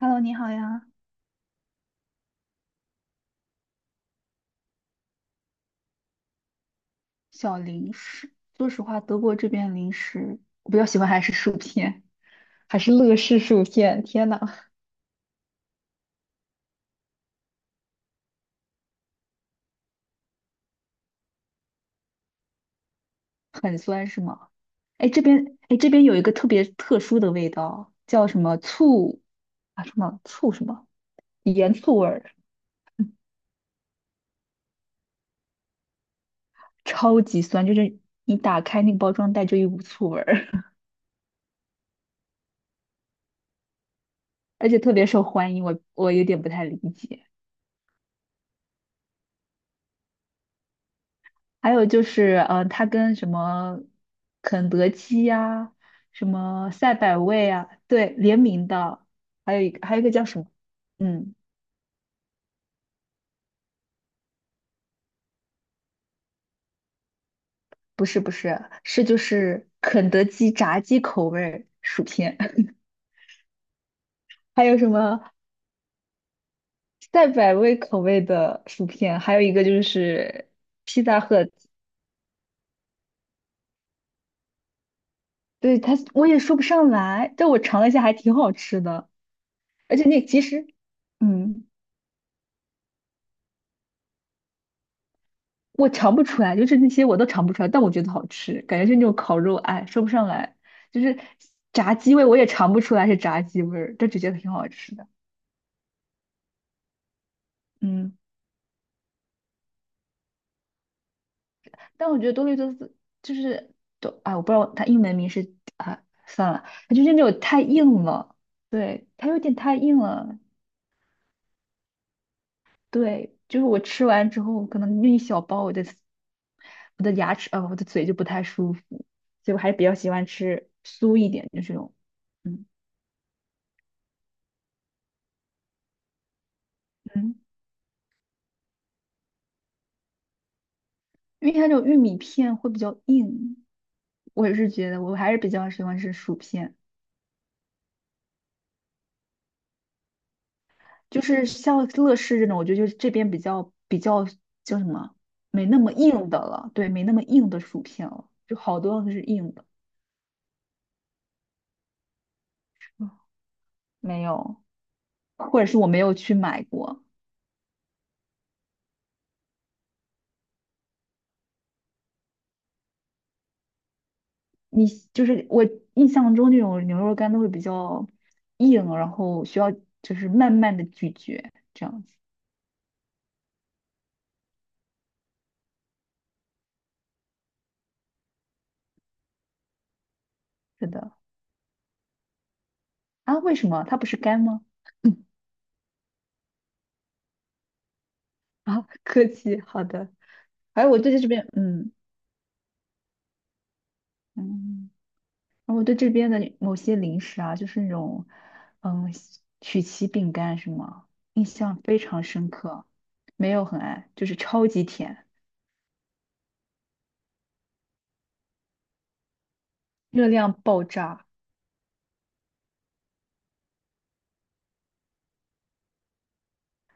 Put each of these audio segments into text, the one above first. Hello，你好呀。小零食。说实话，德国这边零食我比较喜欢还是薯片，还是乐事薯片。天呐，很酸是吗？哎，这边哎这边有一个特别特殊的味道，叫什么醋啊？什么醋什么盐醋味儿，超级酸，就是你打开那个包装袋就一股醋味儿，而且特别受欢迎。我有点不太理解。还有就是，它跟什么肯德基呀、什么赛百味啊，对，联名的，还有一个还有一个叫什么？嗯，不是，是就是肯德基炸鸡口味儿薯片，还有什么赛百味口味的薯片，还有一个就是披萨盒，对，它我也说不上来，但我尝了一下还挺好吃的，而且那其实，嗯。我尝不出来，就是那些我都尝不出来，但我觉得好吃，感觉是那种烤肉，哎，说不上来，就是炸鸡味我也尝不出来是炸鸡味儿，但只觉得挺好吃的。嗯，但我觉得多利多斯就是多，哎，我不知道它英文名是啊，算了，它就是那种太硬了。对，它有点太硬了，对，就是我吃完之后，可能那一小包，我的牙齿啊，我的嘴就不太舒服，所以我还是比较喜欢吃酥一点的这种，嗯。嗯，因为它这种玉米片会比较硬，我也是觉得我还是比较喜欢吃薯片，就是像乐事这种，我觉得就是这边比较叫什么，没那么硬的了，对，没那么硬的薯片了，就好多都是硬的。嗯，没有，或者是我没有去买过。你就是我印象中这种牛肉干都会比较硬，然后需要就是慢慢的咀嚼这样子。是的。啊，为什么它不是干吗？啊，客气，好的。哎，我对这边，嗯，然后我对这边的某些零食啊，就是那种，嗯，曲奇饼干什么，印象非常深刻。没有很爱，就是超级甜，热量爆炸。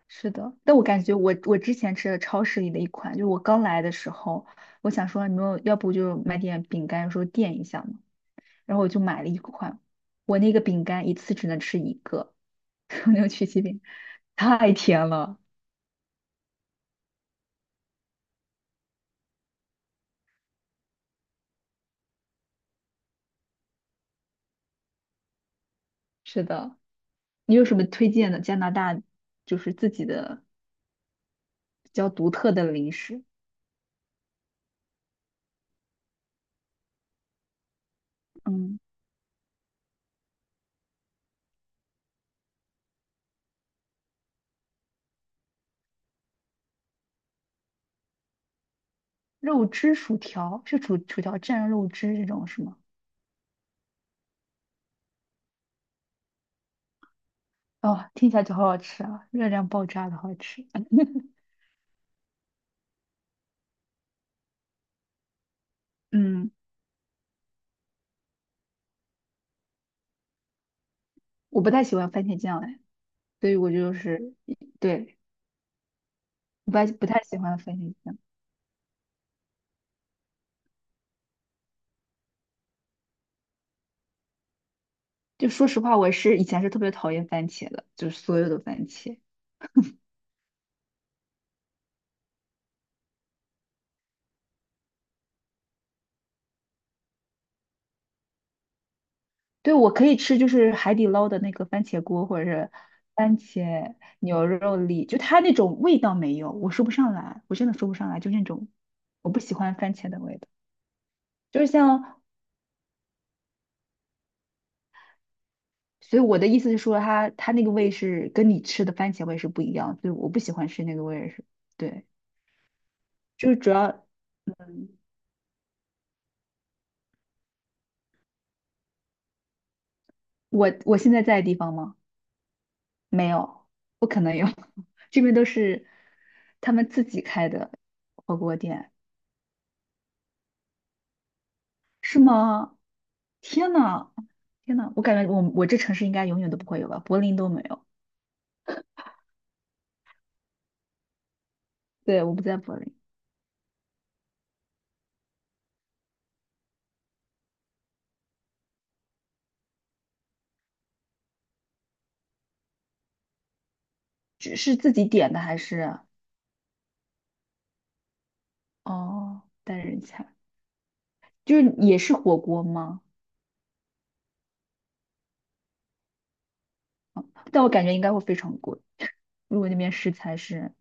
是的，但我感觉我之前吃的超市里的一款，就是我刚来的时候，我想说你们要不就买点饼干说垫一下嘛。然后我就买了一款，我那个饼干一次只能吃一个，那个曲奇饼太甜了。是的，你有什么推荐的加拿大就是自己的比较独特的零食？嗯，肉汁薯条是薯条蘸肉汁这种是吗？哦，听起来就好好吃啊，热量爆炸的好吃。嗯，嗯，我不太喜欢番茄酱哎，所以我就是对，不太喜欢番茄酱。就说实话，我是以前是特别讨厌番茄的，就是所有的番茄。对，我可以吃就是海底捞的那个番茄锅，或者是番茄牛肉粒，就它那种味道没有，我说不上来，我真的说不上来，就那种我不喜欢番茄的味道，就是像，所以我的意思是说它，它那个味是跟你吃的番茄味是不一样，所以我不喜欢吃那个味是，对，就是主要，嗯，我现在在的地方吗？没有，不可能有，这边都是他们自己开的火锅店。是吗？天呐，天呐，我感觉我这城市应该永远都不会有吧，柏林都没有。对，我不在柏林。只是自己点的还是哦单人餐，就是也是火锅吗？但我感觉应该会非常贵，如果那边食材是，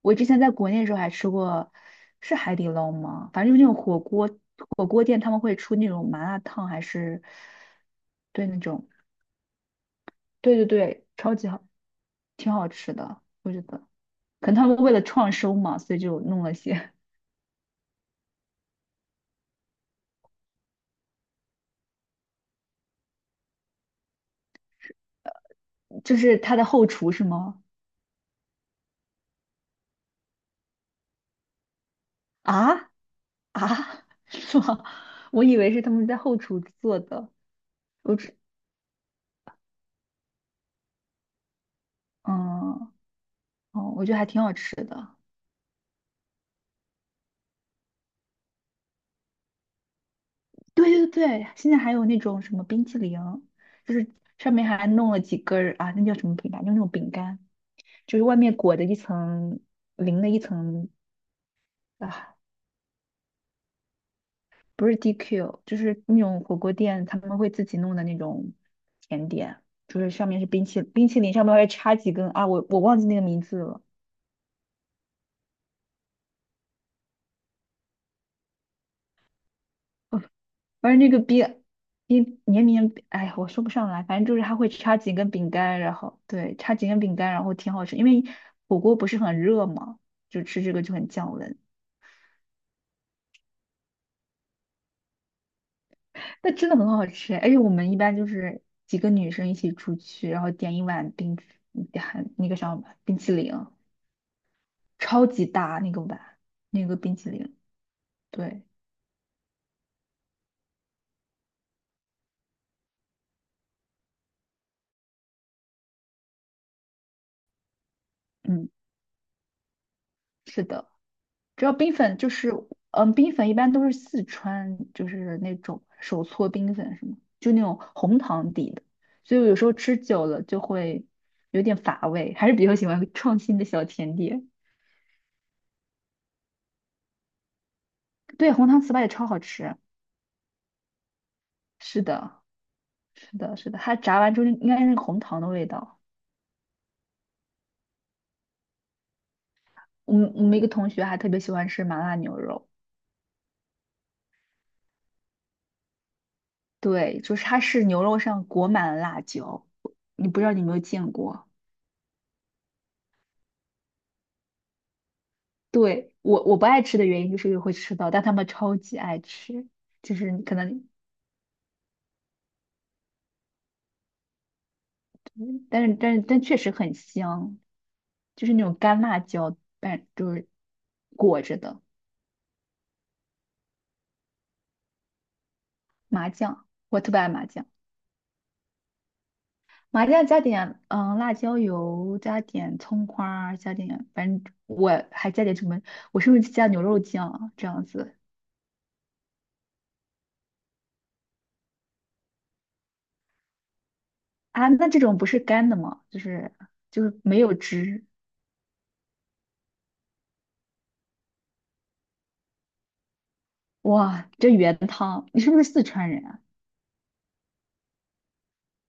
我之前在国内的时候还吃过，是海底捞吗？反正就是那种火锅店，他们会出那种麻辣烫，还是对那种，对对对，超级好，挺好吃的，我觉得。可能他们为了创收嘛，所以就弄了些，就是他的后厨是吗？啊啊，是吗？我以为是他们在后厨做的。我只嗯，哦，我觉得还挺好吃的。对对对，现在还有那种什么冰淇淋，就是上面还弄了几根儿啊，那叫什么饼干？就那种饼干，就是外面裹着一层淋了一层啊，不是 DQ，就是那种火锅店他们会自己弄的那种甜点，就是上面是冰淇淋，上面会插几根啊，我忘记那个名字了，哦反正那个冰冰绵绵，哎呀，我说不上来，反正就是它会插几根饼干，然后对，插几根饼干，然后挺好吃，因为火锅不是很热嘛，就吃这个就很降温，但真的很好吃，而且我们一般就是几个女生一起出去，然后点一碗冰，嗯还那个啥冰淇淋。超级大那个碗，那个冰淇淋。对，嗯，是的，主要冰粉就是，嗯，冰粉一般都是四川，就是那种手搓冰粉什么，就那种红糖底的，所以有时候吃久了就会有点乏味，还是比较喜欢创新的小甜点。对，红糖糍粑也超好吃。是的，是的，是的，它炸完之后应该是红糖的味道。我们一个同学还特别喜欢吃麻辣牛肉。对，就是它是牛肉上裹满了辣椒，你不知道你有没有见过？对，我不爱吃的原因就是因为会吃到，但他们超级爱吃，就是可能，但确实很香，就是那种干辣椒，但就是裹着的麻酱，我特别爱麻酱，麻酱加点嗯辣椒油，加点葱花儿加点反正我还加点什么，我是不是加牛肉酱啊这样子？啊，那这种不是干的吗？就是就是没有汁。哇，这原汤，你是不是四川人啊？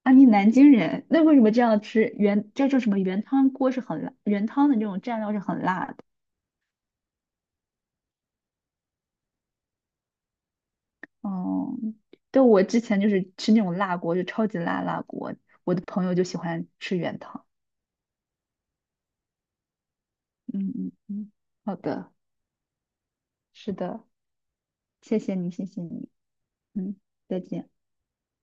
啊，你南京人，那为什么这样吃原这叫什么原汤锅是很辣，原汤的那种蘸料是很辣的。哦、对，我之前就是吃那种辣锅，就超级辣辣锅，我的朋友就喜欢吃原汤。嗯嗯嗯，好的，是的，谢谢你，谢谢你，嗯，再见。